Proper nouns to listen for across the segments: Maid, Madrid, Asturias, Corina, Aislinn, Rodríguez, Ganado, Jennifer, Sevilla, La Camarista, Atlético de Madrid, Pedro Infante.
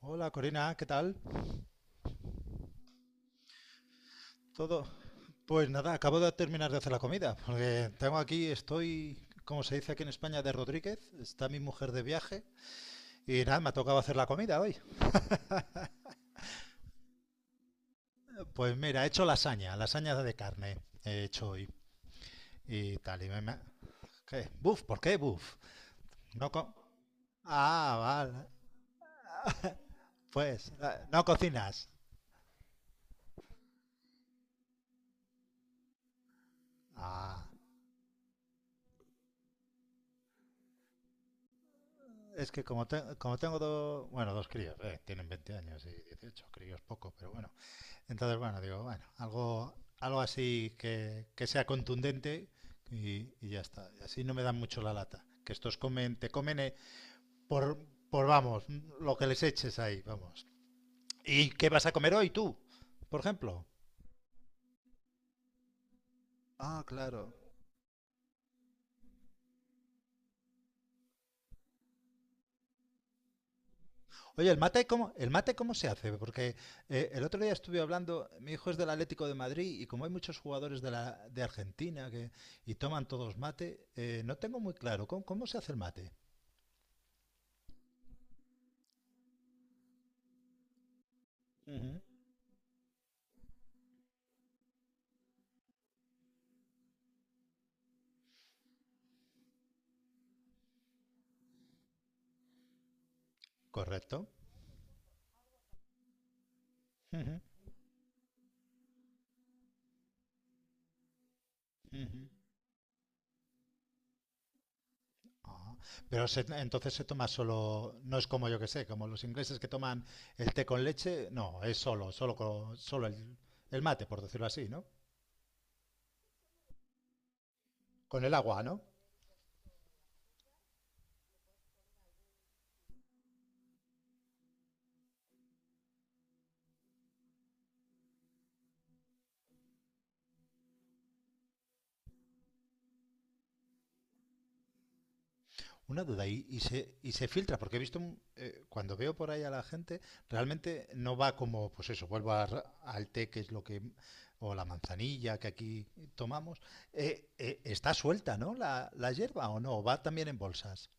Hola Corina, ¿qué tal? ¿Todo? Pues nada, acabo de terminar de hacer la comida, porque tengo aquí, estoy, como se dice aquí en España, de Rodríguez, está mi mujer de viaje y nada, me ha tocado hacer la comida hoy. Pues mira, he hecho lasaña, lasaña de carne he hecho hoy y tal, ¿Qué? ¿Buf? ¿Por qué buf? No. Ah, vale. Pues, no cocinas. Ah, es que como tengo dos, bueno, dos críos, tienen 20 años y 18. Críos poco, pero bueno. Entonces, bueno, digo, bueno, algo así que sea contundente y ya está. Y así no me dan mucho la lata. Que estos comen, te comen, por, vamos, lo que les eches ahí, vamos. ¿Y qué vas a comer hoy tú, por ejemplo? Ah, claro. Oye, ¿el mate cómo se hace? Porque el otro día estuve hablando, mi hijo es del Atlético de Madrid y como hay muchos jugadores de Argentina y toman todos mate, no tengo muy claro ¿cómo, se hace el mate. Uh -huh. Correcto. Uh -huh. Uh -huh. Ah, pero entonces se toma solo, no es como, yo que sé, como los ingleses que toman el té con leche. No, es solo, solo el, mate, por decirlo así, ¿no? Con el agua, ¿no? Una duda, y se filtra, porque he visto, cuando veo por ahí a la gente, realmente no va como, pues eso, vuelvo al té, que es lo que, o la manzanilla que aquí tomamos, está suelta, ¿no? La hierba o no, va también en bolsas.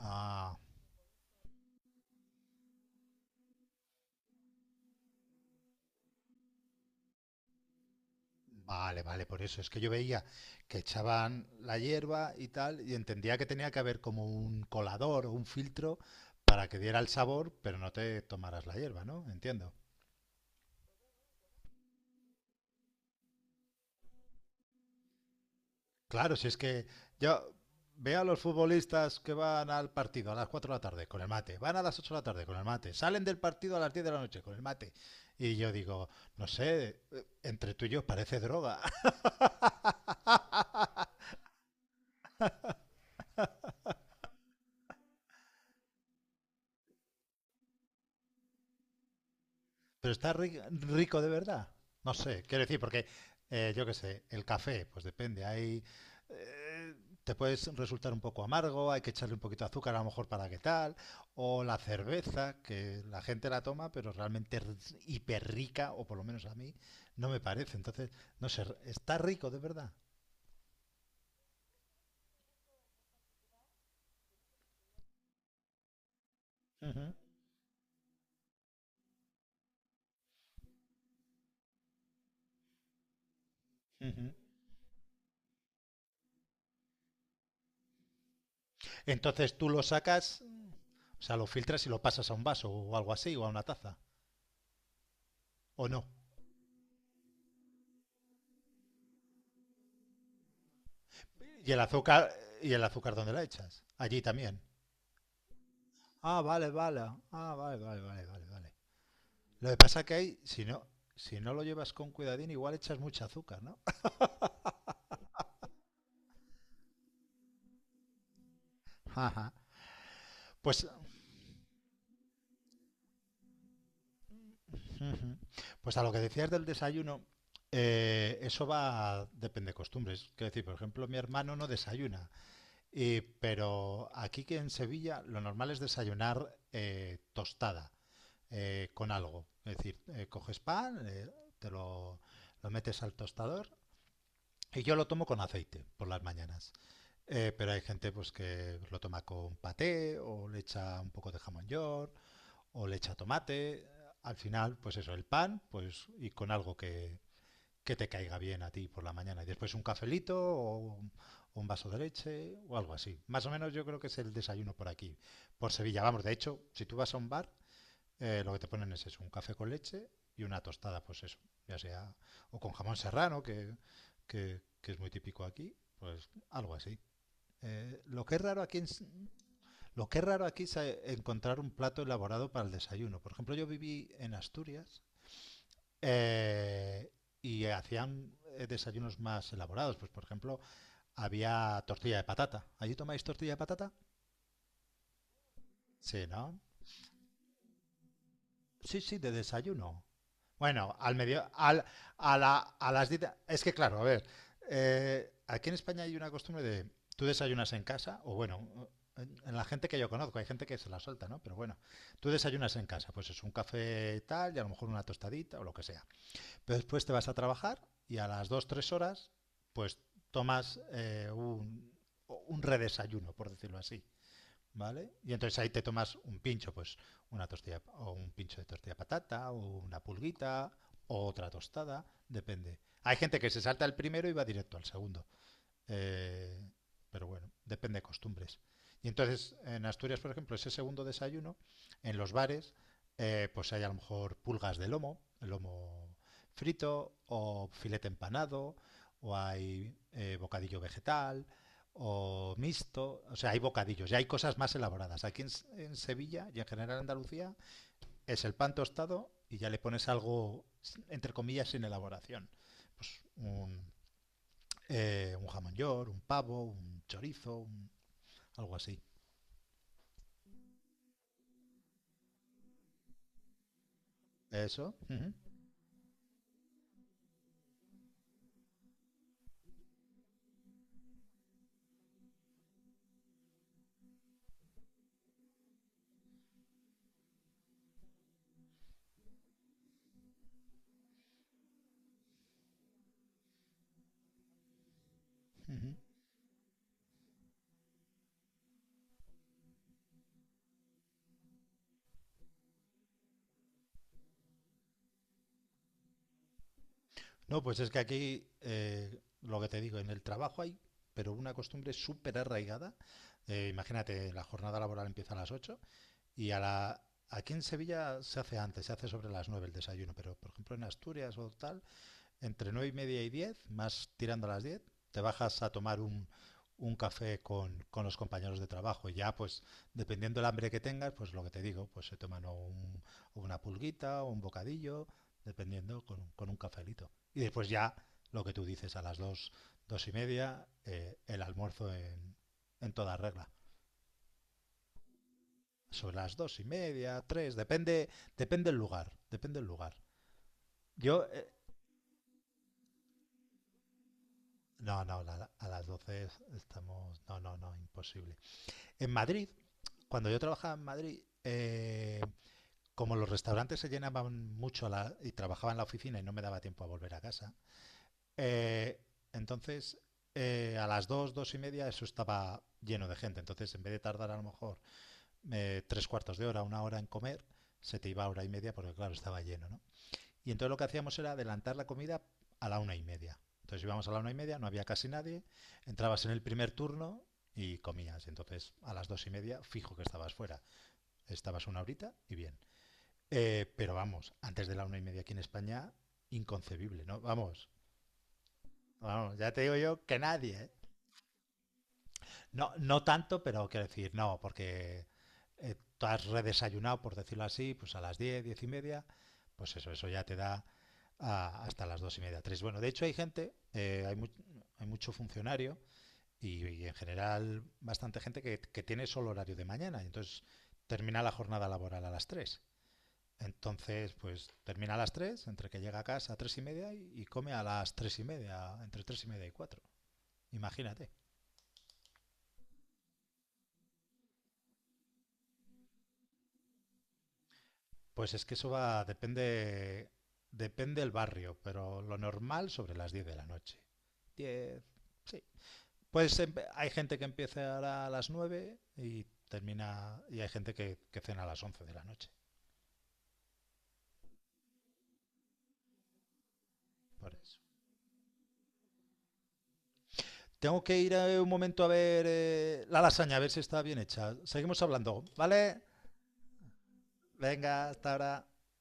Ah, vale, vale, por eso. Es que yo veía que echaban la hierba y tal, y entendía que tenía que haber como un colador o un filtro para que diera el sabor, pero no te tomaras la hierba, ¿no? Entiendo. Claro, si es que yo veo a los futbolistas que van al partido a las 4 de la tarde con el mate, van a las 8 de la tarde con el mate, salen del partido a las 10 de la noche con el mate. Y yo digo, no sé, entre tú y yo parece droga. Pero está rico de verdad. No sé, quiero decir, porque yo qué sé, el café, pues depende. Eh, Te puedes resultar un poco amargo, hay que echarle un poquito de azúcar a lo mejor para que tal. O la cerveza, que la gente la toma, pero realmente es hiper rica, o por lo menos a mí, no me parece. Entonces, no sé, está rico de verdad. Ujú, ujú. Entonces tú lo sacas, o sea, lo filtras y lo pasas a un vaso o algo así, o a una taza, o no. ¿Y el azúcar, y el azúcar, ¿dónde la echas? Allí también. Ah, vale, vale. Ah, vale, vale, vale, vale, vale. Lo que pasa que hay, si no lo llevas con cuidadín, igual echas mucha azúcar, ¿no? Ajá. Pues, pues a lo que decías del desayuno, eso va, depende de costumbres. Quiero decir, por ejemplo, mi hermano no desayuna, pero aquí que en Sevilla lo normal es desayunar, tostada, con algo. Es decir, coges pan, te lo, lo metes al tostador y yo lo tomo con aceite por las mañanas. Pero hay gente pues que lo toma con paté o le echa un poco de jamón york o le echa tomate. Al final, pues eso, el pan, pues y con algo que te caiga bien a ti por la mañana. Y después un cafelito o un vaso de leche o algo así. Más o menos yo creo que es el desayuno por aquí, por Sevilla. Vamos, de hecho, si tú vas a un bar, lo que te ponen es eso, un café con leche y una tostada, pues eso, ya sea, o con jamón serrano, que es muy típico aquí, pues algo así. Eh, lo que es raro aquí en, lo que es raro aquí es, encontrar un plato elaborado para el desayuno. Por ejemplo, yo viví en Asturias, eh, y hacían, desayunos más elaborados. Pues, por ejemplo, había tortilla de patata. ¿Allí tomáis tortilla de patata? Sí, ¿no? Sí, sí, de desayuno. Bueno, al medio, al, a la, a las 10. Es que claro, a ver, aquí en España hay una costumbre de, tú desayunas en casa, o bueno, en la gente que yo conozco, hay gente que se la suelta, ¿no? Pero bueno, tú desayunas en casa, pues es un café y tal, y a lo mejor una tostadita o lo que sea. Pero después te vas a trabajar y a las 2, 3 horas, pues tomas, un redesayuno, por decirlo así. ¿Vale? Y entonces ahí te tomas un pincho, pues una tortilla o un pincho de tortilla de patata o una pulguita o otra tostada, depende. Hay gente que se salta el primero y va directo al segundo. Eh, pero bueno, depende de costumbres. Y entonces, en Asturias, por ejemplo, ese segundo desayuno, en los bares, pues hay a lo mejor pulgas de lomo, lomo frito, o filete empanado, o hay, bocadillo vegetal, o mixto. O sea, hay bocadillos, ya hay cosas más elaboradas. Aquí en, en Sevilla y en general en Andalucía es el pan tostado y ya le pones algo, entre comillas, sin elaboración. Pues un jamón york, un pavo, un chorizo, algo así. Eso. Ujú, ujú. No, pues es que aquí, lo que te digo, en el trabajo pero una costumbre súper arraigada. Imagínate, la jornada laboral empieza a las 8 y a la... Aquí en Sevilla se hace antes, se hace sobre las 9 el desayuno, pero por ejemplo en Asturias o tal, entre 9:30 y 10, más tirando a las 10 te bajas a tomar un café con los compañeros de trabajo. Ya, pues, dependiendo del hambre que tengas, pues lo que te digo, pues se toman o una pulguita o un bocadillo, dependiendo un cafelito. Y después ya, lo que tú dices, a las 2, 2:30, el almuerzo en, toda regla. Sobre las 2:30, 3, depende el lugar, depende el lugar. Yo, eh, No, no, a las 12 estamos. No, no, no, imposible. En Madrid, cuando yo trabajaba en Madrid, como los restaurantes se llenaban mucho y trabajaba en la oficina y no me daba tiempo a volver a casa, eh, entonces a las 2, 2:30 eso estaba lleno de gente. Entonces, en vez de tardar a lo mejor, tres cuartos de hora, una hora en comer, se te iba hora y media porque, claro, estaba lleno, ¿no? Y entonces lo que hacíamos era adelantar la comida a la 1:30. Entonces íbamos a la 1:30, no había casi nadie, entrabas en el primer turno y comías. Entonces a las 2:30 fijo que estabas fuera. Estabas una horita y bien. Pero vamos, antes de la 1:30 aquí en España, inconcebible, ¿no? Vamos, vamos, ya te digo yo que nadie, ¿eh? No, no tanto, pero quiero decir, no, porque tú has redesayunado, por decirlo así, pues a las 10, 10:30, pues eso ya te da hasta las 2:30, 3. Bueno, de hecho hay gente, hay mucho funcionario y en general bastante gente que tiene solo horario de mañana y entonces termina la jornada laboral a las 3. Entonces, pues termina a las 3, entre que llega a casa a 3:30 y come a las 3:30, entre 3:30 y 4. Imagínate. Pues es que eso va, depende el barrio, pero lo normal sobre las 10 de la noche. 10, sí. Pues hay gente que empieza a las 9 y termina, y hay gente que cena a las 11 de la noche, por eso. Tengo que ir, un momento a ver, la lasaña, a ver si está bien hecha. Seguimos hablando, ¿vale? Venga, hasta ahora.